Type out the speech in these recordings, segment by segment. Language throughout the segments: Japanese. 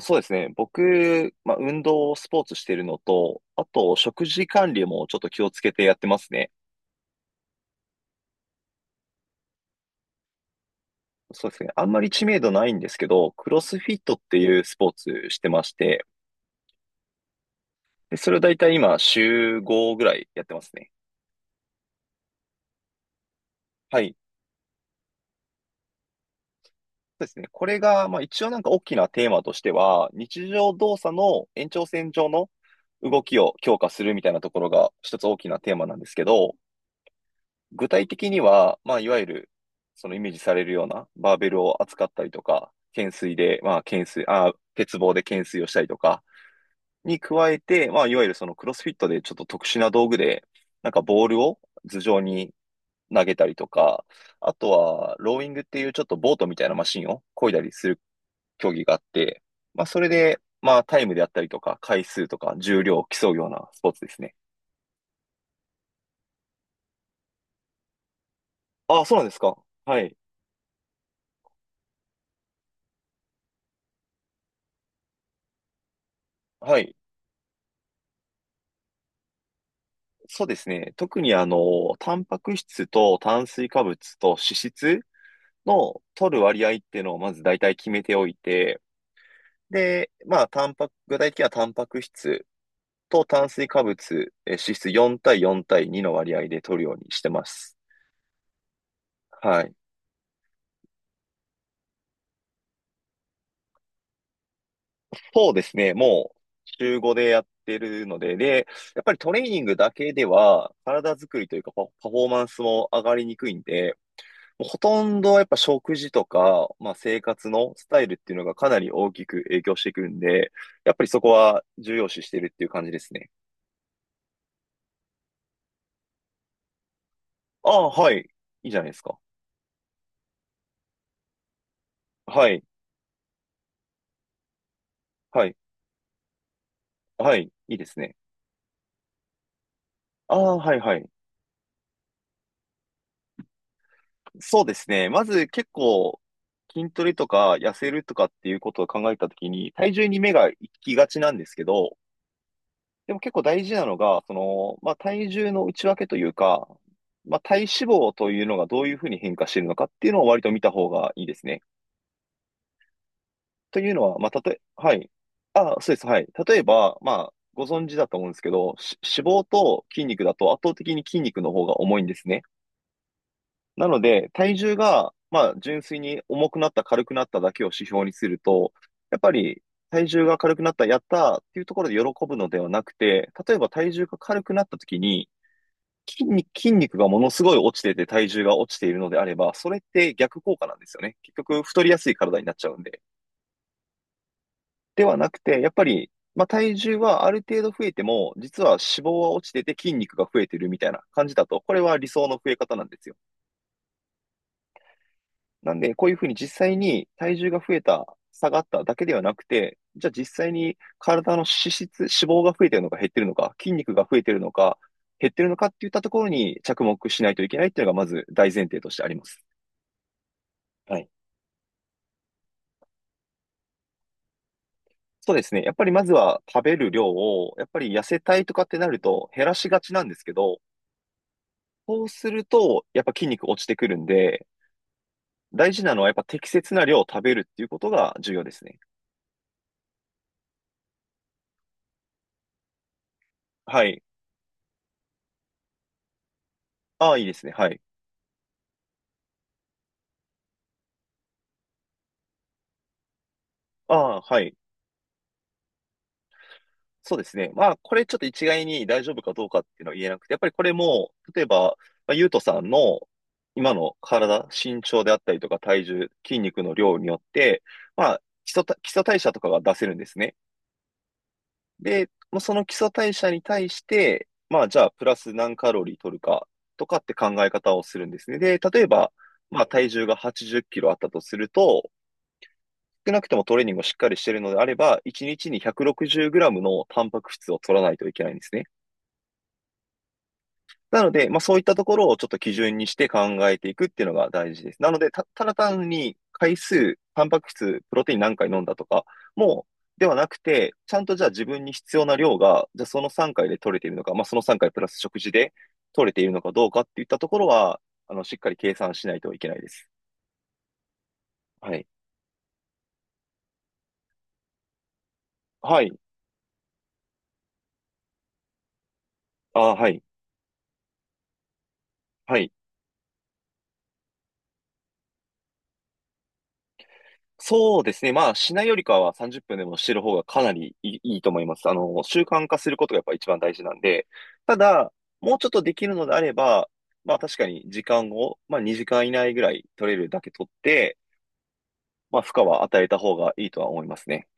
そうですね。僕、まあ、運動、スポーツしてるのと、あと、食事管理もちょっと気をつけてやってますね。そうですね。あんまり知名度ないんですけど、クロスフィットっていうスポーツしてまして、で、それをだいたい今、週5ぐらいやってますね。はい。そうですね。これが、まあ、一応なんか大きなテーマとしては、日常動作の延長線上の動きを強化するみたいなところが一つ大きなテーマなんですけど、具体的には、まあ、いわゆる、そのイメージされるようなバーベルを扱ったりとか、懸垂で、まあ、懸垂、あ、鉄棒で懸垂をしたりとか、に加えて、まあ、いわゆるそのクロスフィットでちょっと特殊な道具で、なんかボールを頭上に投げたりとか、あとは、ローイングっていうちょっとボートみたいなマシンを漕いだりする競技があって、まあ、それで、まあ、タイムであったりとか、回数とか、重量を競うようなスポーツですね。あ、そうなんですか。はい。はい。そうですね。特にタンパク質と炭水化物と脂質の取る割合っていうのをまず大体決めておいて、で、まあ、タンパク、具体的にはタンパク質と炭水化物、脂質4対4対2の割合で取るようにしてます。はい。そうですね。もう、週5でやってるので、で、やっぱりトレーニングだけでは、体作りというかパフォーマンスも上がりにくいんで、ほとんどやっぱ食事とか、まあ生活のスタイルっていうのがかなり大きく影響してくるんで、やっぱりそこは重要視してるっていう感じですね。ああ、はい。いいじゃないですか。はい。はい。はい。いいですね。ああ、はい、はい。そうですね。まず結構筋トレとか痩せるとかっていうことを考えたときに、体重に目が行きがちなんですけど、でも結構大事なのが、その、まあ、体重の内訳というか、まあ、体脂肪というのがどういうふうに変化しているのかっていうのを割と見た方がいいですね。というのは、まあ、たとえ、はい。あ、そうです。はい。例えば、まあ、ご存知だと思うんですけど、脂肪と筋肉だと圧倒的に筋肉の方が重いんですね。なので、体重が、まあ、純粋に重くなった、軽くなっただけを指標にすると、やっぱり、体重が軽くなった、やったーっていうところで喜ぶのではなくて、例えば体重が軽くなった時に、筋肉がものすごい落ちてて体重が落ちているのであれば、それって逆効果なんですよね。結局太りやすい体になっちゃうんで。ではなくて、やっぱり、まあ、体重はある程度増えても、実は脂肪は落ちてて筋肉が増えてるみたいな感じだと、これは理想の増え方なんですよ。なんで、こういうふうに実際に体重が増えた、下がっただけではなくて、じゃあ実際に体の脂質、脂肪が増えてるのか減ってるのか、筋肉が増えてるのか、減ってるのかっていったところに着目しないといけないっていうのがまず大前提としてあります。はい。そうですね。やっぱりまずは食べる量を、やっぱり痩せたいとかってなると減らしがちなんですけど、そうするとやっぱ筋肉落ちてくるんで、大事なのはやっぱ適切な量を食べるっていうことが重要ですね。はい。ああ、いいですね。はい。ああ、はい。そうですね。まあ、これちょっと一概に大丈夫かどうかっていうのは言えなくて、やっぱりこれも、例えば、まあ、ゆうとさんの今の体、身長であったりとか体重、筋肉の量によって、まあ、基礎代謝とかが出せるんですね。で、もうその基礎代謝に対して、まあじゃあプラス何カロリー取るかとかって考え方をするんですね。で、例えば、まあ体重が80キロあったとすると、少なくともトレーニングをしっかりしているのであれば、1日に160グラムのタンパク質を取らないといけないんですね。なので、まあそういったところをちょっと基準にして考えていくっていうのが大事です。なので、ただ単に回数、タンパク質、プロテイン何回飲んだとか、もではなくて、ちゃんとじゃあ自分に必要な量が、じゃあその3回で取れているのか、まあその3回プラス食事で取れているのかどうかっていったところは、しっかり計算しないといけないです。はい。はい。あ、はい。はい。そうですね。まあ、しないよりかは30分でもしてる方がかなりいいと思います。習慣化することがやっぱ一番大事なんで、ただ、もうちょっとできるのであれば、まあ確かに時間を、まあ2時間以内ぐらい取れるだけ取って、まあ負荷は与えた方がいいとは思いますね。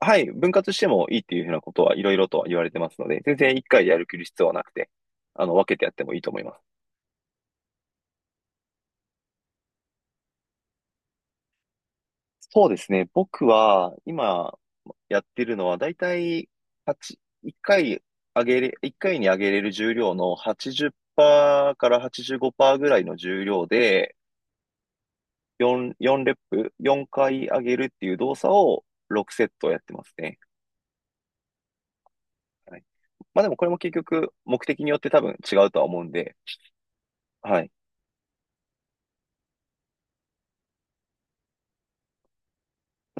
はい、分割してもいいっていうふうなことはいろいろとは言われてますので、全然1回でやる必要はなくて、分けてやってもいいと思います。そうですね。僕は、今、やってるのは、だいたい、八1回上げれ、一回に上げれる重量の80%から85%ぐらいの重量で、4レップ、4回上げるっていう動作を6セットやってますね。はい。まあでもこれも結局、目的によって多分違うとは思うんで、はい。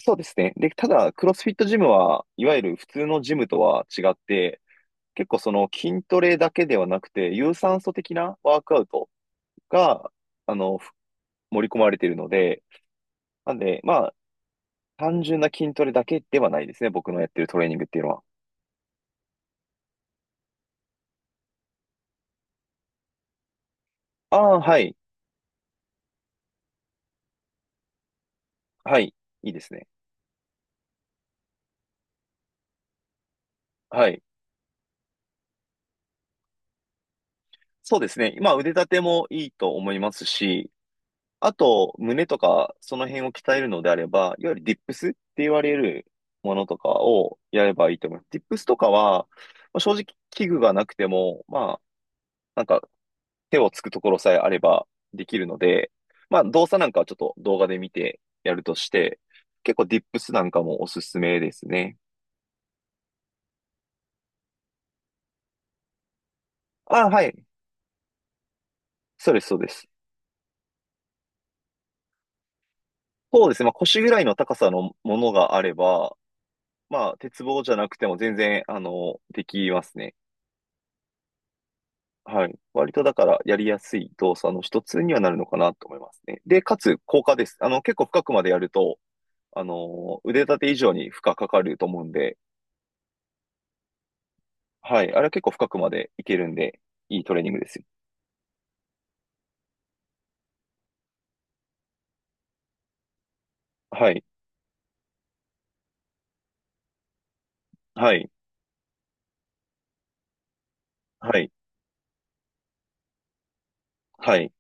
そうですね。で、ただ、クロスフィットジムは、いわゆる普通のジムとは違って、結構その筋トレだけではなくて、有酸素的なワークアウトが、あの、ふ盛り込まれているので、なんで、まあ、単純な筋トレだけではないですね。僕のやってるトレーニングっていうのは。ああ、はい。はい。いいですね。はい。そうですね。まあ、腕立てもいいと思いますし、あと、胸とか、その辺を鍛えるのであれば、いわゆるディップスって言われるものとかをやればいいと思います。ディップスとかは、まあ正直器具がなくても、まあ、なんか手をつくところさえあればできるので、まあ動作なんかはちょっと動画で見てやるとして、結構ディップスなんかもおすすめですね。あ、はい。そうです、そうです。そうですね。まあ腰ぐらいの高さのものがあれば、まあ鉄棒じゃなくても全然、できますね。はい。割とだからやりやすい動作の一つにはなるのかなと思いますね。で、かつ効果です。結構深くまでやると、腕立て以上に負荷かかると思うんで、はい。あれは結構深くまでいけるんで、いいトレーニングですよ。はい。はい。はい。はい。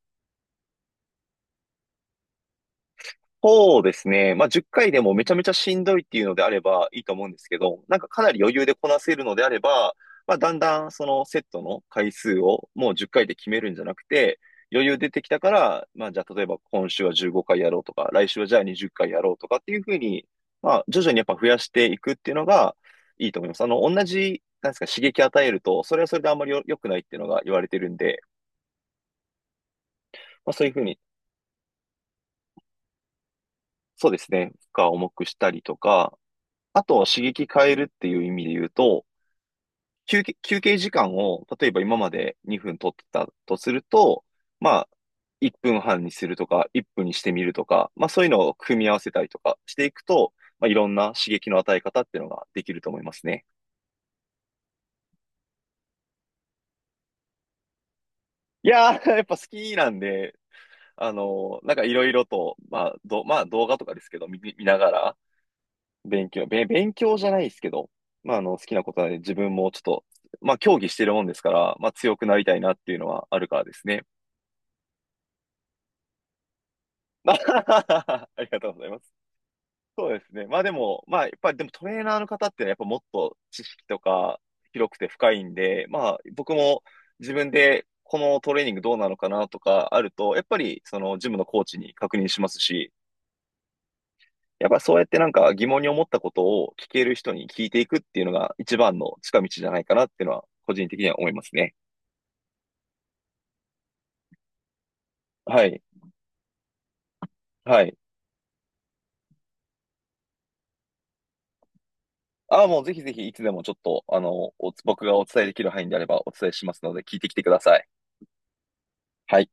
そうですね。まあ、10回でもめちゃめちゃしんどいっていうのであればいいと思うんですけど、なんかかなり余裕でこなせるのであれば、まあ、だんだんそのセットの回数をもう10回で決めるんじゃなくて、余裕出てきたから、まあ、じゃあ例えば今週は15回やろうとか、来週はじゃあ20回やろうとかっていうふうに、まあ、徐々にやっぱ増やしていくっていうのがいいと思います。同じ、なんですか、刺激与えると、それはそれであんまり良くないっていうのが言われてるんで、まあ、そういうふうに、そうですね、負荷を重くしたりとか、あと、刺激変えるっていう意味で言うと、休憩時間を、例えば今まで2分取ってたとすると、まあ、1分半にするとか、1分にしてみるとか、まあそういうのを組み合わせたりとかしていくと、まあいろんな刺激の与え方っていうのができると思いますね。いやー、やっぱ好きなんで、なんかいろいろと、まあ、まあ動画とかですけど、見ながら、勉強じゃないですけど、まあ、好きなことはね、自分もちょっと、まあ、競技してるもんですから、まあ、強くなりたいなっていうのはあるからですね。ありがとうございます。そうですね。まあでも、まあ、やっぱりでもトレーナーの方ってのはやっぱもっと知識とか広くて深いんで、まあ、僕も自分でこのトレーニングどうなのかなとかあると、やっぱりそのジムのコーチに確認しますし、やっぱそうやってなんか疑問に思ったことを聞ける人に聞いていくっていうのが一番の近道じゃないかなっていうのは個人的には思いますね。はい。はい。ああ、もうぜひぜひいつでもちょっと、僕がお伝えできる範囲であればお伝えしますので聞いてきてください。はい。